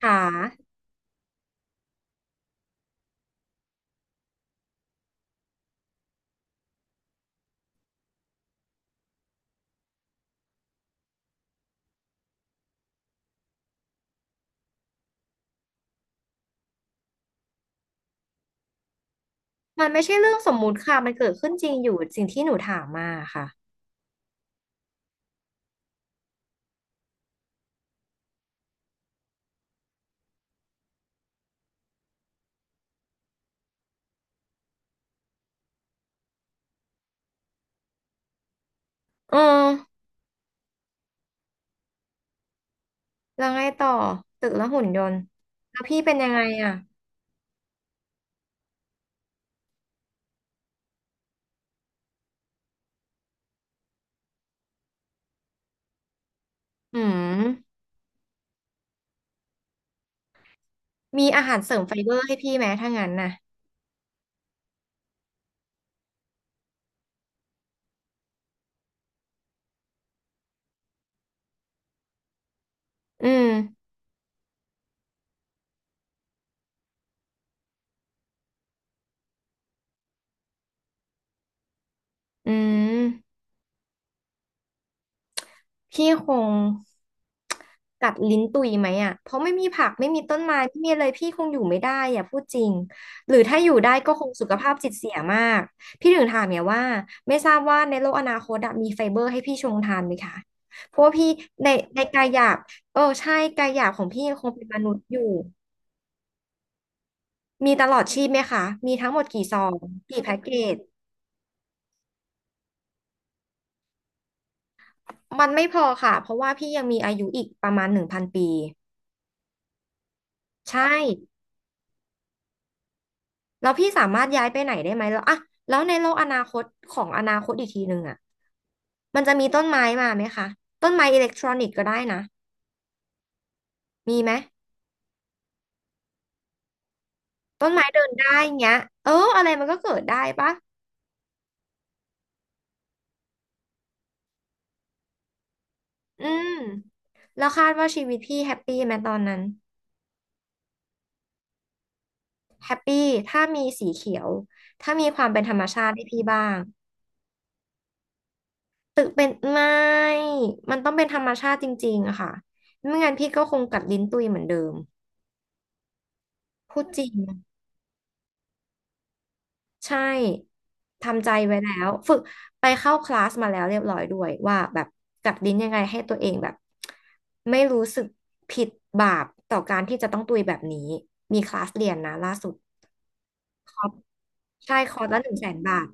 ค่ะมันไม่ใช่เรื่องสมมุติค่ะ มันเกิดขึ้นจริงอยู่สิ่งที่หนูถามมาค่ะ เออ แล้วไงต่อตึกและหุ่นยนต์แล้วพี่เป็นยังไงอ่ะอืม มีอาหารเสริมไฟเบอร์ให้พี่ไหมถ้างั้นน่ะอืม อืม พี่คงกัดลิ้นตุยไหมอ่ะเพราะไม่มีผักไม่มีต้นไม้ไม่มีอะไรพี่คงอยู่ไม่ได้อ่ะพูดจริงหรือถ้าอยู่ได้ก็คงสุขภาพจิตเสียมากพี่ถึงถามเนี่ยว่าไม่ทราบว่าในโลกอนาคตอะมีไฟเบอร์ให้พี่ชงทานไหมคะเพราะว่าพี่ในในกายหยาบเออใช่กายหยาบของพี่ยังคงเป็นมนุษย์อยู่มีตลอดชีพไหมคะมีทั้งหมดกี่ซองกี่แพ็กเกจมันไม่พอค่ะเพราะว่าพี่ยังมีอายุอีกประมาณหนึ่งพันปีใช่ แล้วพี่สามารถย้ายไปไหนได้ไหมแล้วอะแล้วในโลกอนาคตของอนาคตอีกทีหนึ่งอะมันจะมีต้นไม้มาไหมคะต้นไม้อิเล็กทรอนิกส์ก็ได้นะมีไหมต้นไม้เดินได้เงี้ยเอออะไรมันก็เกิดได้ปะอืมแล้วคาดว่าชีวิตพี่แฮปปี้ไหมตอนนั้นแฮปปี้ถ้ามีสีเขียวถ้ามีความเป็นธรรมชาติให้พี่บ้างตึกเป็นไม่มันต้องเป็นธรรมชาติจริงๆอะค่ะไม่งั้นพี่ก็คงกัดลิ้นตุยเหมือนเดิมพูดจริง ใช่ทำใจไว้แล้วฝึกไปเข้าคลาสมาแล้วเรียบร้อยด้วยว่าแบบกัดลิ้นยังไงให้ตัวเองแบบไม่รู้สึกผิดบาปต่อการที่จะต้องตุยแบบนี้มีคลาสเรียนนะล่าสุดคอร์สใช่คอร์สละหนึ่งแสนบาท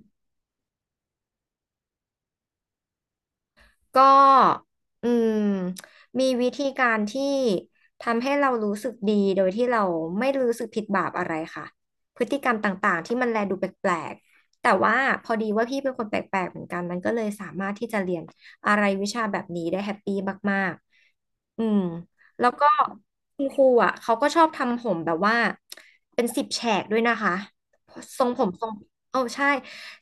ก็อืมมีวิธีการที่ทำให้เรารู้สึกดีโดยที่เราไม่รู้สึกผิดบาปอะไรค่ะพฤติกรรมต่างๆที่มันแลดูแปลกๆแต่ว่าพอดีว่าพี่เป็นคนแปลกๆเหมือนกันมันก็เลยสามารถที่จะเรียนอะไรวิชาแบบนี้ได้แฮปปี้มากๆอืมแล้วก็คุณครูอ่ะเขาก็ชอบทำผมแบบว่าเป็นสิบแฉกด้วยนะคะทรงผมทรง โอ้ใช่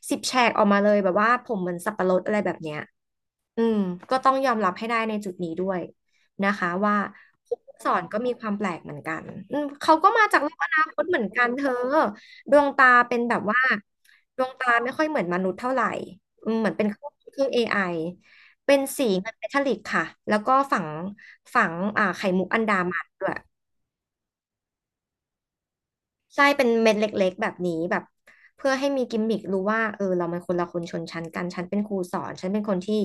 สิบแฉกออกมาเลยแบบว่าผมเหมือนสับปะรดอะไรแบบเนี้ยอืมก็ต้องยอมรับให้ได้ในจุดนี้ด้วยนะคะว่าครูผู้สอนก็มีความแปลกเหมือนกันอืมเขาก็มาจากโลกอนาคตเหมือนกันเธอดวงตาเป็นแบบว่าดวงตาไม่ค่อยเหมือนมนุษย์เท่าไหร่อืมเหมือนเป็นเครื่อง AI เป็นสีเงินเมทัลลิกค่ะแล้วก็ฝังไข่มุกอันดามันด้วย ใช่เป็นเม็ดเล็กๆแบบนี้แบบเพื่อให้มีกิมมิครู้ว่าเออเรามันคนละคนชนชั้นกันฉันเป็นครูสอนฉันเป็นคนที่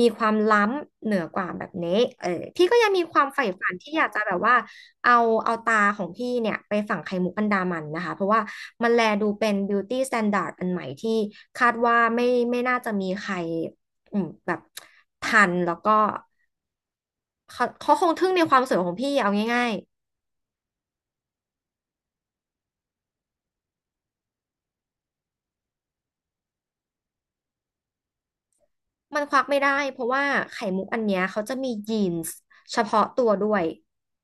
มีความล้ำเหนือกว่าแบบนี้เออพี่ก็ยังมีความใฝ่ฝันที่อยากจะแบบว่าเอาเอาตาของพี่เนี่ยไปฝังไข่มุกอันดามันนะคะเพราะว่ามันแลดูเป็น beauty standard อันใหม่ที่คาดว่าไม่น่าจะมีใครอืมแบบทันแล้วก็เขาคงทึ่งในความสวยของพี่เอาง่าย มันควักไม่ได้เพราะว่าไข่มุกอันเนี้ยเขาจะมียีนส์เฉพาะตัวด้วย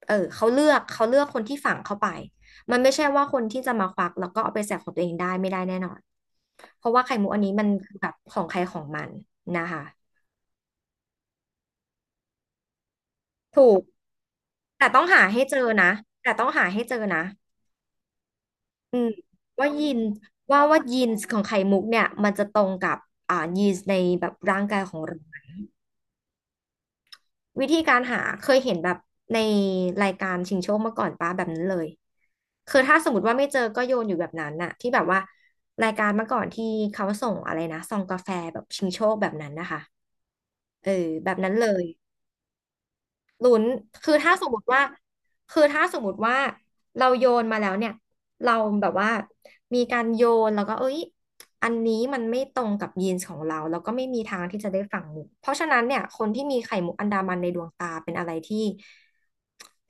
เออเขาเลือกคนที่ฝังเข้าไปมันไม่ใช่ว่าคนที่จะมาควักแล้วก็เอาไปแสกของตัวเองได้ไม่ได้แน่นอนเพราะว่าไข่มุกอันนี้มันคือแบบของใครของมันนะคะถูกแต่ต้องหาให้เจอนะแต่ต้องหาให้เจอนะอืมว่ายีนว่ายีนของไข่มุกเนี่ยมันจะตรงกับยีนในแบบร่างกายของเรา วิธีการหาเคยเห็นแบบในรายการชิงโชคมาก่อนป้าแบบนั้นเลยคือถ้าสมมติว่าไม่เจอก็โยนอยู่แบบนั้นน่ะที่แบบว่ารายการเมื่อก่อนที่เขาส่งอะไรนะซองกาแฟแบบชิงโชคแบบนั้นนะคะเออแบบนั้นเลย ลุ้นคือถ้าสมมติว่าคือถ้าสมมติว่าเราโยนมาแล้วเนี่ยเราแบบว่ามีการโยนแล้วก็เอ้ยอันนี้มันไม่ตรงกับยีนส์ของเราแล้วก็ไม่มีทางที่จะได้ฝั่งมุกเพราะฉะนั้นเนี่ยคนที่มีไข่มุกอันดามันในดวงตาเป็นอะไรที่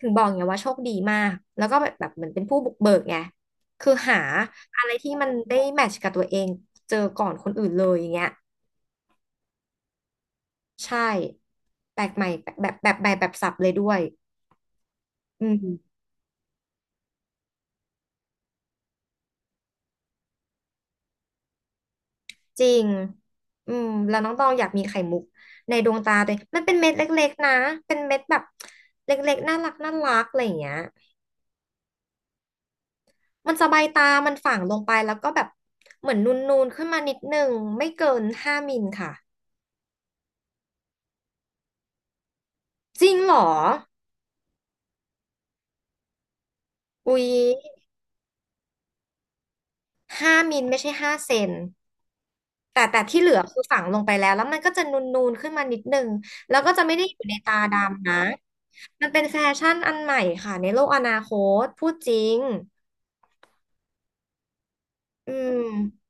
ถึงบอกไงว่าโชคดีมากแล้วก็แบบแบบเหมือนเป็นผู้บุกเบิกไงคือหาอะไรที่มันได้แมทช์กับตัวเองเจอก่อนคนอื่นเลยอย่างเงี้ยใช่แปลกใหม่แบบสับเลยด้วยอืม จริงอืมแล้วน้องตองอยากมีไข่มุกในดวงตาตัวเองมันเป็นเม็ดเล็กๆนะ เป็นเม็ดแบบเล็กๆน่ารักน่ารักอะไรอย่างเงี้ยมันสบายตามันฝังลงไปแล้วก็แบบเหมือนนูนๆขึ้นมานิดนึงไม่เกินห้ามิลค่ะจริงเหรอ อุ๊ย5 มิลไม่ใช่5 เซนแต่ที่เหลือคือฝังลงไปแล้วแล้วมันก็จะนูนๆขึ้นมานิดนึงแล้วก็จะไม่ได้อยู่ในตาดำนะมันเป็นแฟชั่นอันใหม่ค่ะในโลกอนาคตพูดจริงอืม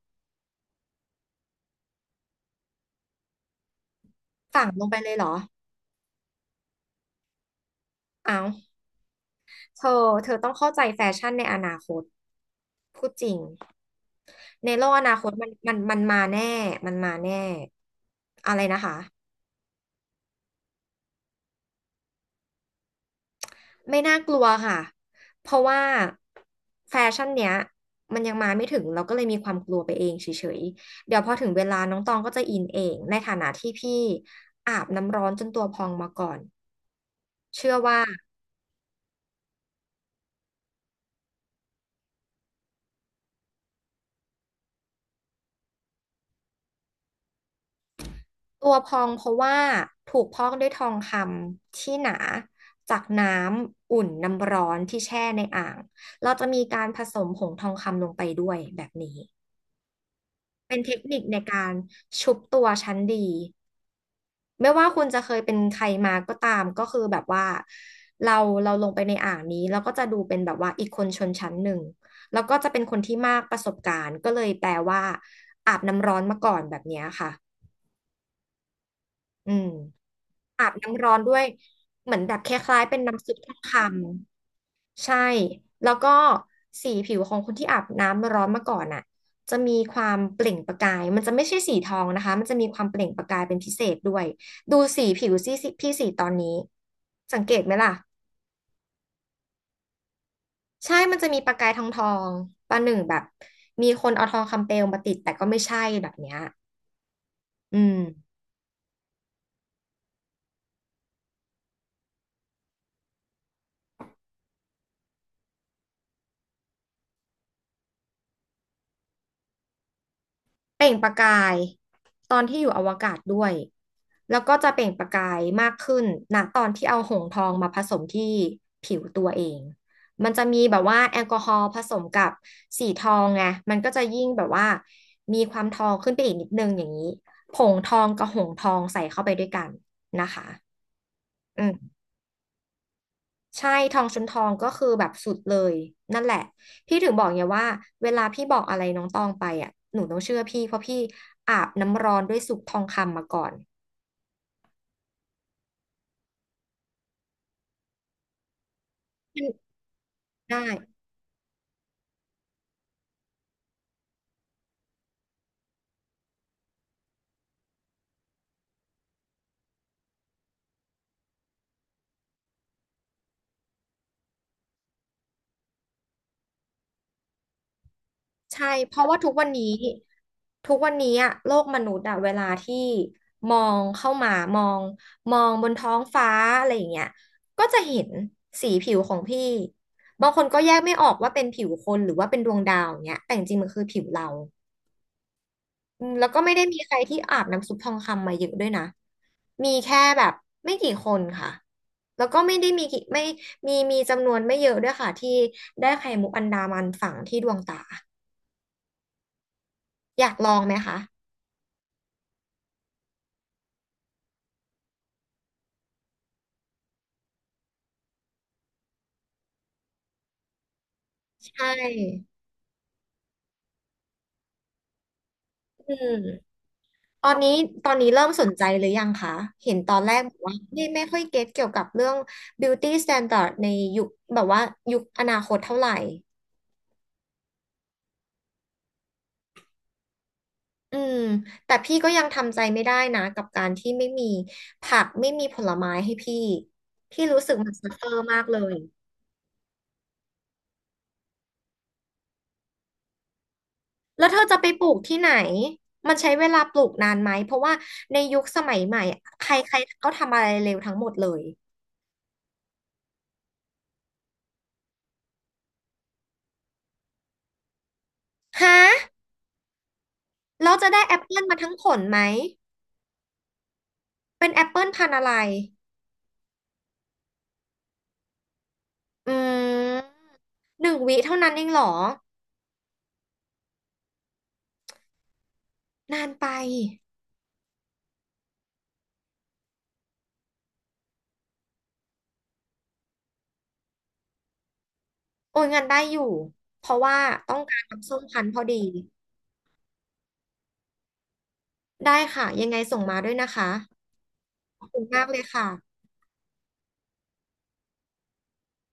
ฝังลงไปเลยเหรออ้าวเธอ เธอต้องเข้าใจแฟชั่นในอนาคต พูดจริง ในโลกอนาคตมันมาแน่มันมาแน่ อะไรนะคะ ไม่น่ากลัวค่ะ เพราะว่าแฟชั่นเนี้ยมันยังมาไม่ถึงเราก็เลยมีความกลัวไปเองเฉยๆ เดี๋ยวพอถึงเวลาน้องตองก็จะอินเอง ในฐานะที่พี่อาบน้ำร้อนจนตัวพองมาก่อนเชื่อว่า ตัวพองเพราะว่าถูกพอกด้วยทองคำที่หนาจากน้ำอุ่นน้ำร้อนที่แช่ในอ่างเราจะมีการผสมผงทองคำลงไปด้วยแบบนี้เป็นเทคนิคในการชุบตัวชั้นดีไม่ว่าคุณจะเคยเป็นใครมาก็ตามก็คือแบบว่าเราเราลงไปในอ่างนี้เราก็จะดูเป็นแบบว่าอีกคนชนชั้นหนึ่งแล้วก็จะเป็นคนที่มากประสบการณ์ก็เลยแปลว่าอาบน้ำร้อนมาก่อนแบบเนี้ยค่ะอืม อาบน้ำร้อนด้วยเหมือนแบบคล้ายๆเป็นน้ำซุปทองคำใช่แล้วก็สีผิวของคนที่อาบน้ำร้อนมาก่อนอ่ะจะมีความเปล่งประกายมันจะไม่ใช่สีทองนะคะมันจะมีความเปล่งประกายเป็นพิเศษด้วยดูสีผิวสิพี่สีตอนนี้สังเกตไหมล่ะใช่มันจะมีประกายทองทองประหนึ่งแบบมีคนเอาทองคำเปลวมาติดแต่ก็ไม่ใช่แบบเนี้ยอืม เปล่งประกายตอนที่อยู่อวกาศด้วยแล้วก็จะเปล่งประกายมากขึ้นณตอนที่เอาหงส์ทองมาผสมที่ผิวตัวเองมันจะมีแบบว่าแอลกอฮอล์ผสมกับสีทองไงมันก็จะยิ่งแบบว่ามีความทองขึ้นไปอีกนิดนึงอย่างนี้ผงทองกับหงส์ทองใส่เข้าไปด้วยกันนะคะอืม ใช่ทองชนทองก็คือแบบสุดเลยนั่นแหละพี่ถึงบอกไงว่าเวลาพี่บอกอะไรน้องตองไปอ่ะหนูต้องเชื่อพี่เพราะพี่อาบน้ำร้อนด้วยสุกทองคำมาก่อนมันได้ใช่เพราะว่าทุกวันนี้อะโลกมนุษย์อะเวลาที่มองเข้ามามองมองบนท้องฟ้าอะไรอย่างเงี้ยก็จะเห็นสีผิวของพี่บางคนก็แยกไม่ออกว่าเป็นผิวคนหรือว่าเป็นดวงดาวอย่างเงี้ยแต่จริงๆมันคือผิวเรา อืมแล้วก็ไม่ได้มีใครที่อาบน้ำซุปทองคำมาเยอะด้วยนะ มีแค่แบบไม่กี่คนค่ะ แล้วก็ไม่ได้มีกี่ไม่มีจำนวนไม่เยอะด้วยค่ะที่ได้ไข่มุกอันดามันฝังที่ดวงตาอยากลองไหมคะใช่อืมตอนนี้ตอนนี้เริ่มสนใจหรือยังคะเห็นตอนแรกบอกว่าไม่ค่อยเก็ตเกี่ยวกับเรื่อง beauty standard ในยุคแบบว่ายุคอนาคตเท่าไหร่ อืมแต่พี่ก็ยังทำใจไม่ได้นะกับการที่ไม่มีผักไม่มีผลไม้ให้พี่พี่รู้สึกมันซัฟเฟอร์มากเลยแล้วเธอจะไปปลูกที่ไหนมันใช้เวลาปลูกนานไหมเพราะว่าในยุคสมัยใหม่อะใครใครก็ทำอะไรเร็วทั้งหมดเลยฮะเราจะได้แอปเปิลมาทั้งผลไหมเป็นแอปเปิลพันธุ์อะไรอืม1 วิเท่านั้นเองเหรอนานไปโอ้ยงานได้อยู่เพราะว่าต้องการน้ำส้มคั้นพอดี ได้ค่ะยังไงส่งมาด้วยนะคะขอบคุณมากเลยค่ะ